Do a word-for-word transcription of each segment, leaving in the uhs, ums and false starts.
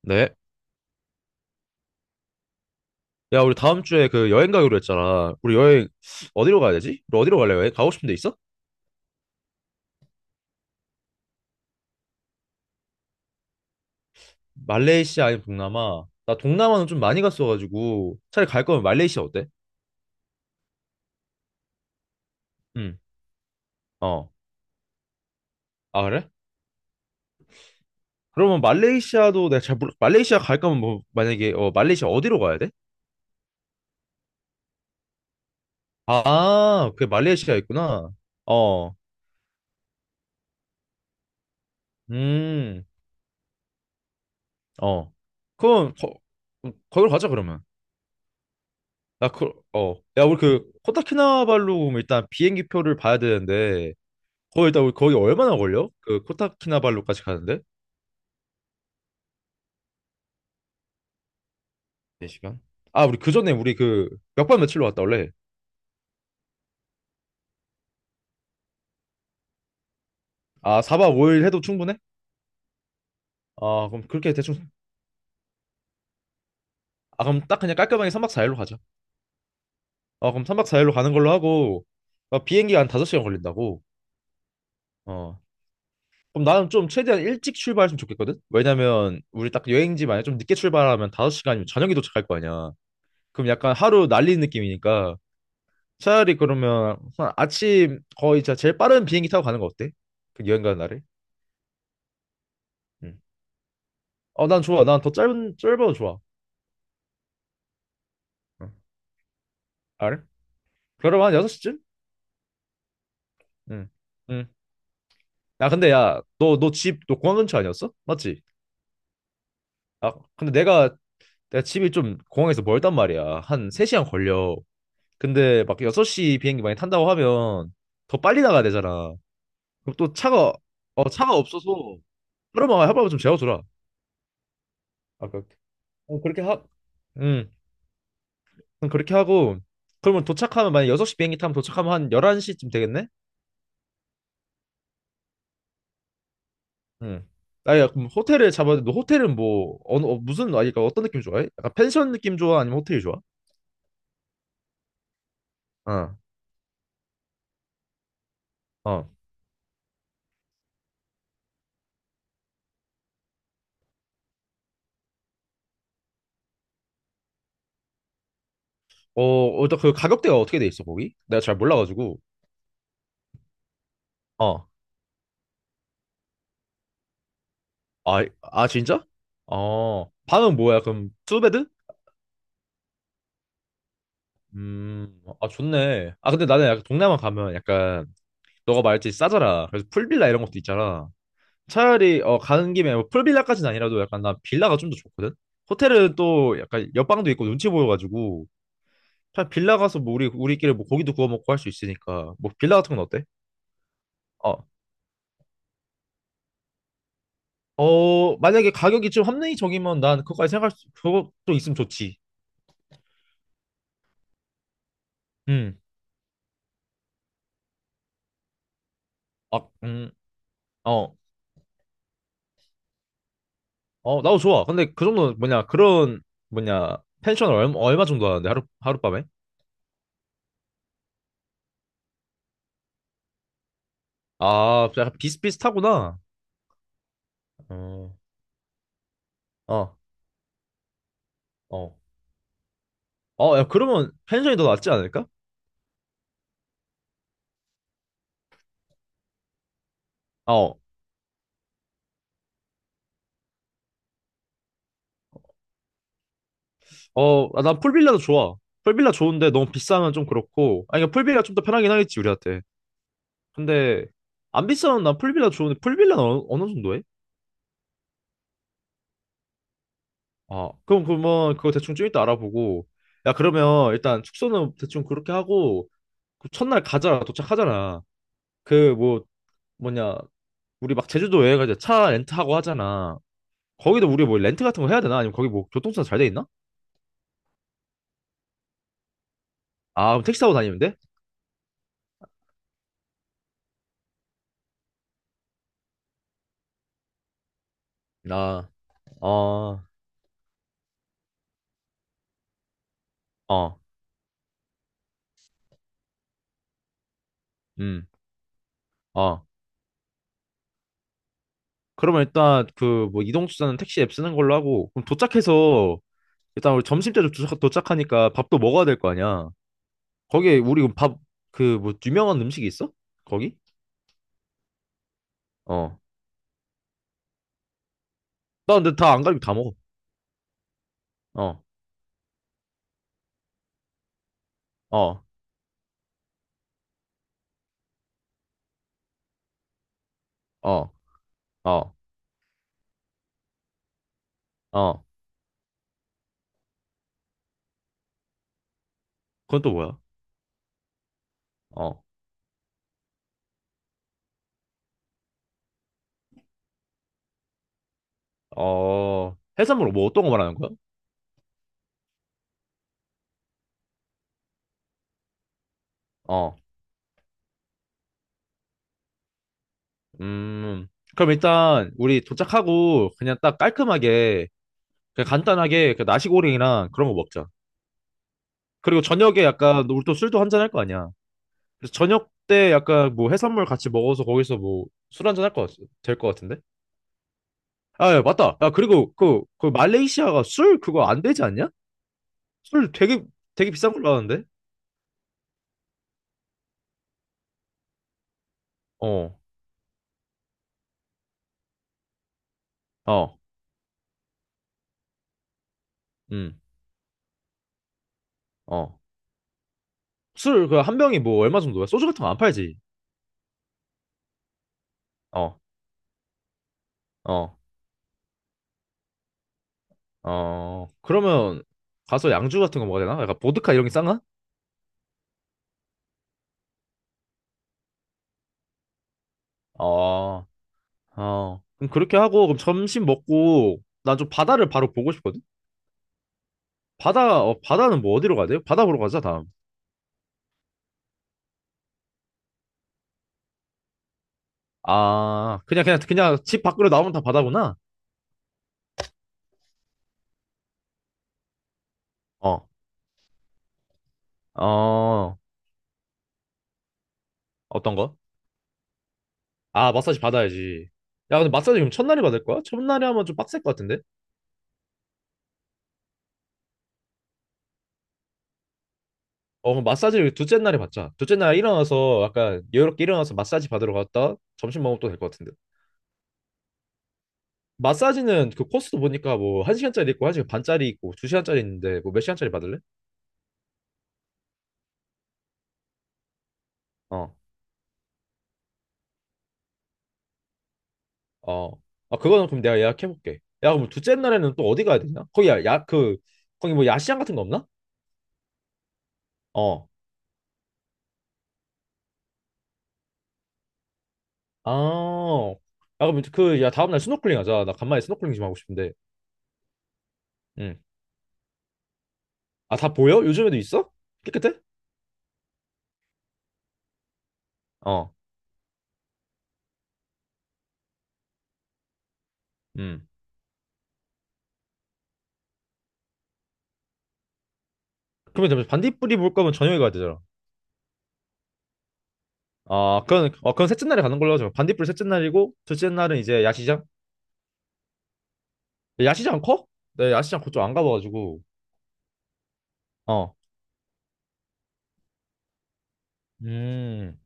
네. 야, 우리 다음 주에 그 여행 가기로 했잖아. 우리 여행 어디로 가야 되지? 우리 어디로 갈래? 여행 가고 싶은 데 있어? 말레이시아 아니면 동남아? 나 동남아는 좀 많이 갔어가지고 차라리 갈 거면 말레이시아 어때? 응. 어. 아, 그래? 그러면 말레이시아도 내가 잘 몰라. 말레이시아 갈 거면 뭐 만약에 어 말레이시아 어디로 가야 돼? 아, 그게 말레이시아 있구나. 어. 음. 어. 그럼 거, 거기로 가자 그러면. 야, 그, 어. 야, 우리 그 코타키나발루 일단 비행기 표를 봐야 되는데 거의 다 거기 얼마나 걸려? 그 코타키나발루까지 가는데? 네 시간? 아, 우리 그 전에 우리 그 몇 박 며칠로 왔다 원래. 아, 사 박 오 일 해도 충분해? 아, 그럼 그렇게 대충. 아, 그럼 딱 그냥 깔끔하게 삼 박 사 일로 가자. 아, 그럼 삼 박 사 일로 가는 걸로 하고 아, 비행기가 한 다섯 시간 걸린다고. 어. 그럼 나는 좀 최대한 일찍 출발했으면 좋겠거든? 왜냐면 우리 딱 여행지 만약에 좀 늦게 출발하면 다섯 시간이면 저녁에 도착할 거 아니야. 그럼 약간 하루 날리 느낌이니까 차라리 그러면 한 아침 거의 진짜 제일 빠른 비행기 타고 가는 거 어때? 그 여행 가는 날에? 응. 어, 난 좋아. 난 더 짧은 짧아도 좋아. 어. 알? 그러면 한 여섯 시쯤? 응. 응. 야, 근데 야, 너 너 집 너 공항 근처 아니었어? 맞지? 아, 근데 내가 내가 집이 좀 공항에서 멀단 말이야. 한 세 시간 걸려. 근데 막 여섯 시 비행기 많이 탄다고 하면 더 빨리 나가야 되잖아. 그럼 또 차가 어 차가 없어서 하루만 하루만 좀 재워줘라. 아까 어, 그렇게 하 응. 그럼 그렇게 하고 그러면 도착하면 만약 여섯 시 비행기 타면 도착하면 한 열한 시쯤 되겠네? 응. 아야 그럼 호텔을 잡아야 돼. 너 호텔은 뭐 어느 어, 무슨 아니 그러니까 어떤 느낌 좋아해? 약간 펜션 느낌 좋아? 아니면 호텔이 좋아? 어. 어. 어, 일단 그 가격대가 어떻게 돼 있어, 거기? 내가 잘 몰라가지고. 어. 아, 아, 진짜? 어. 방은 뭐야? 그럼 투베드? 음. 아, 좋네. 아, 근데 나는 약간 동남아 가면 약간 너가 말했지 싸잖아. 그래서 풀빌라 이런 것도 있잖아. 차라리 어 가는 김에 뭐 풀빌라까지는 아니라도 약간 나 빌라가 좀 더 좋거든. 호텔은 또 약간 옆방도 있고 눈치 보여가지고 차 빌라 가서 뭐 우리 우리끼리 뭐 고기도 구워 먹고 할 수 있으니까 뭐 빌라 같은 건 어때? 어. 어, 만약에 가격이 좀 합리적이면 난 그거까지 생각할 수 그것도 있으면 좋지. 음. 아, 음. 어. 어, 나도 좋아. 근데 그 정도는 뭐냐? 그런 뭐냐? 펜션 얼마 얼마 정도 하는데 하루 하룻밤에? 아, 약간 비슷비슷하구나. 어. 어. 어. 어, 야, 그러면 펜션이 더 낫지 않을까? 어. 어, 난 풀빌라도 좋아. 풀빌라 좋은데 너무 비싸면 좀 그렇고. 아니, 그러니까 풀빌라 좀 더 편하긴 하겠지, 우리한테. 근데 안 비싸면 난 풀빌라 좋은데 풀빌라는 어느, 어느 정도 해? 아 그럼 그러면 그거 대충 좀 이따 알아보고 야 그러면 일단 숙소는 대충 그렇게 하고 그 첫날 가자 도착하잖아. 그 뭐 뭐냐 우리 막 제주도 여행 가자 차 렌트하고 하잖아. 거기도 우리 뭐 렌트 같은 거 해야 되나 아니면 거기 뭐 교통수단 잘 돼 있나? 아 그럼 택시 타고 다니면 돼? 아, 어, 어, 음, 어. 그러면 일단 그 뭐 이동수단은 택시 앱 쓰는 걸로 하고 그럼 도착해서 일단 우리 점심 때 도착, 도착하니까 밥도 먹어야 될 거 아니야. 거기에 우리 밥, 그, 뭐, 유명한 음식이 있어? 거기? 어. 나 근데 다 안 가리고 다 먹어. 어, 어, 어, 어, 어. 그건 또 뭐야? 어, 어. 해산물 뭐 어떤 거 말하는 거야? 어, 음. 그럼 일단 우리 도착하고 그냥 딱 깔끔하게, 그냥 간단하게 그 나시고랭이랑 그런 거 먹자. 그리고 저녁에 약간 우리 또 술도 한 잔 할 거 아니야. 그래서 저녁 때 약간 뭐 해산물 같이 먹어서 거기서 뭐 술 한잔 할 것, 될것 같은데? 아, 예, 맞다. 아, 그리고 그, 그 말레이시아가 술 그거 안 되지 않냐? 술 되게, 되게 비싼 걸로 아는데? 어, 어, 음, 어. 술 그 한 병이 뭐 얼마 정도야? 소주 같은 거 안 팔지? 어, 어, 어. 그러면 가서 양주 같은 거 먹어야 되나? 약간 보드카 이런 게 싼가? 어, 어. 그럼 그렇게 하고 그럼 점심 먹고 난 좀 바다를 바로 보고 싶거든? 바다, 어, 바다는 뭐 어디로 가야 돼요? 바다 보러 가자, 다음. 아, 그냥, 그냥, 그냥 집 밖으로 나오면 다 바다구나? 어, 어, 어떤 거? 아, 마사지 받아야지. 야, 근데 마사지 그럼 첫날에 받을 거야? 첫날에 하면 좀 빡셀 것 같은데? 어, 그럼 마사지를 둘째 날에 받자. 둘째 날 일어나서 약간 여유롭게 일어나서 마사지 받으러 갔다 점심 먹으면 또 될 것 같은데. 마사지는 그 코스도 보니까 뭐 한시간짜리 있고 한시간 반짜리 있고 두시간짜리 있는데 뭐 몇 시간짜리 받을래? 어, 어, 아, 그거는 그럼 내가 예약해볼게. 야, 그럼 둘째 날에는 또 어디 가야 되냐? 거기 야, 야, 그, 거기 뭐 야시장 같은 거 없나? 어. 아, 야, 그럼 그, 야, 다음날 스노클링 하자. 나 간만에 스노클링 좀 하고 싶은데. 응. 아, 다 보여? 요즘에도 있어? 깨끗해? 어, 음. 그러면 잠시 반딧불이 볼 거면 저녁에 가야 되잖아. 아, 그건, 어, 그건 셋째 날에 가는 걸로 하죠. 반딧불 셋째 날이고, 둘째 날은 이제 야시장? 야, 야시장 커? 네, 야시장 그쪽 안 가봐가지고. 어. 음.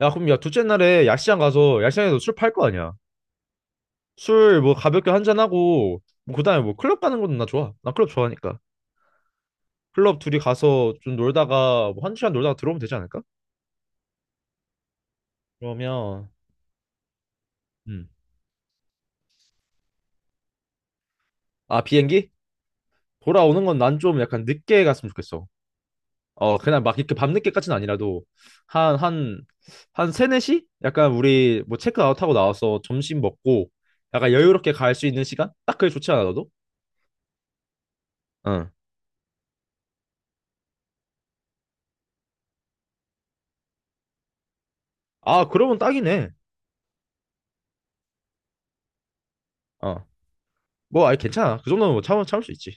야, 그럼 야, 둘째 날에 야시장 가서, 야시장에서 술 팔 거 아니야? 술 뭐 가볍게 한 잔하고, 뭐, 그 다음에 뭐 클럽 가는 것도 나 좋아. 나 클럽 좋아하니까. 클럽 둘이 가서 좀 놀다가 뭐 한두 시간 놀다가 들어오면 되지 않을까? 그러면 음. 아 비행기? 돌아오는 건 난 좀 약간 늦게 갔으면 좋겠어. 어 그냥 막 이렇게 밤늦게까지는 아니라도 한 한 한 세네 시? 약간 우리 뭐 체크아웃하고 나와서 점심 먹고 약간 여유롭게 갈 수 있는 시간? 딱 그게 좋지 않아 너도? 응. 아 그러면 딱이네. 어. 뭐 아니 괜찮아. 그 정도는 뭐 참을 참을 수 있지.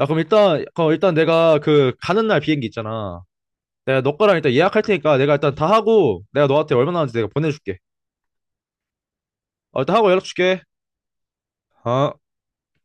야 그럼 일단 그 일단 내가 그 가는 날 비행기 있잖아. 내가 너 거랑 일단 예약할 테니까 내가 일단 다 하고 내가 너한테 얼마나 하는지 내가 보내줄게. 어, 일단 하고 연락 줄게. 어.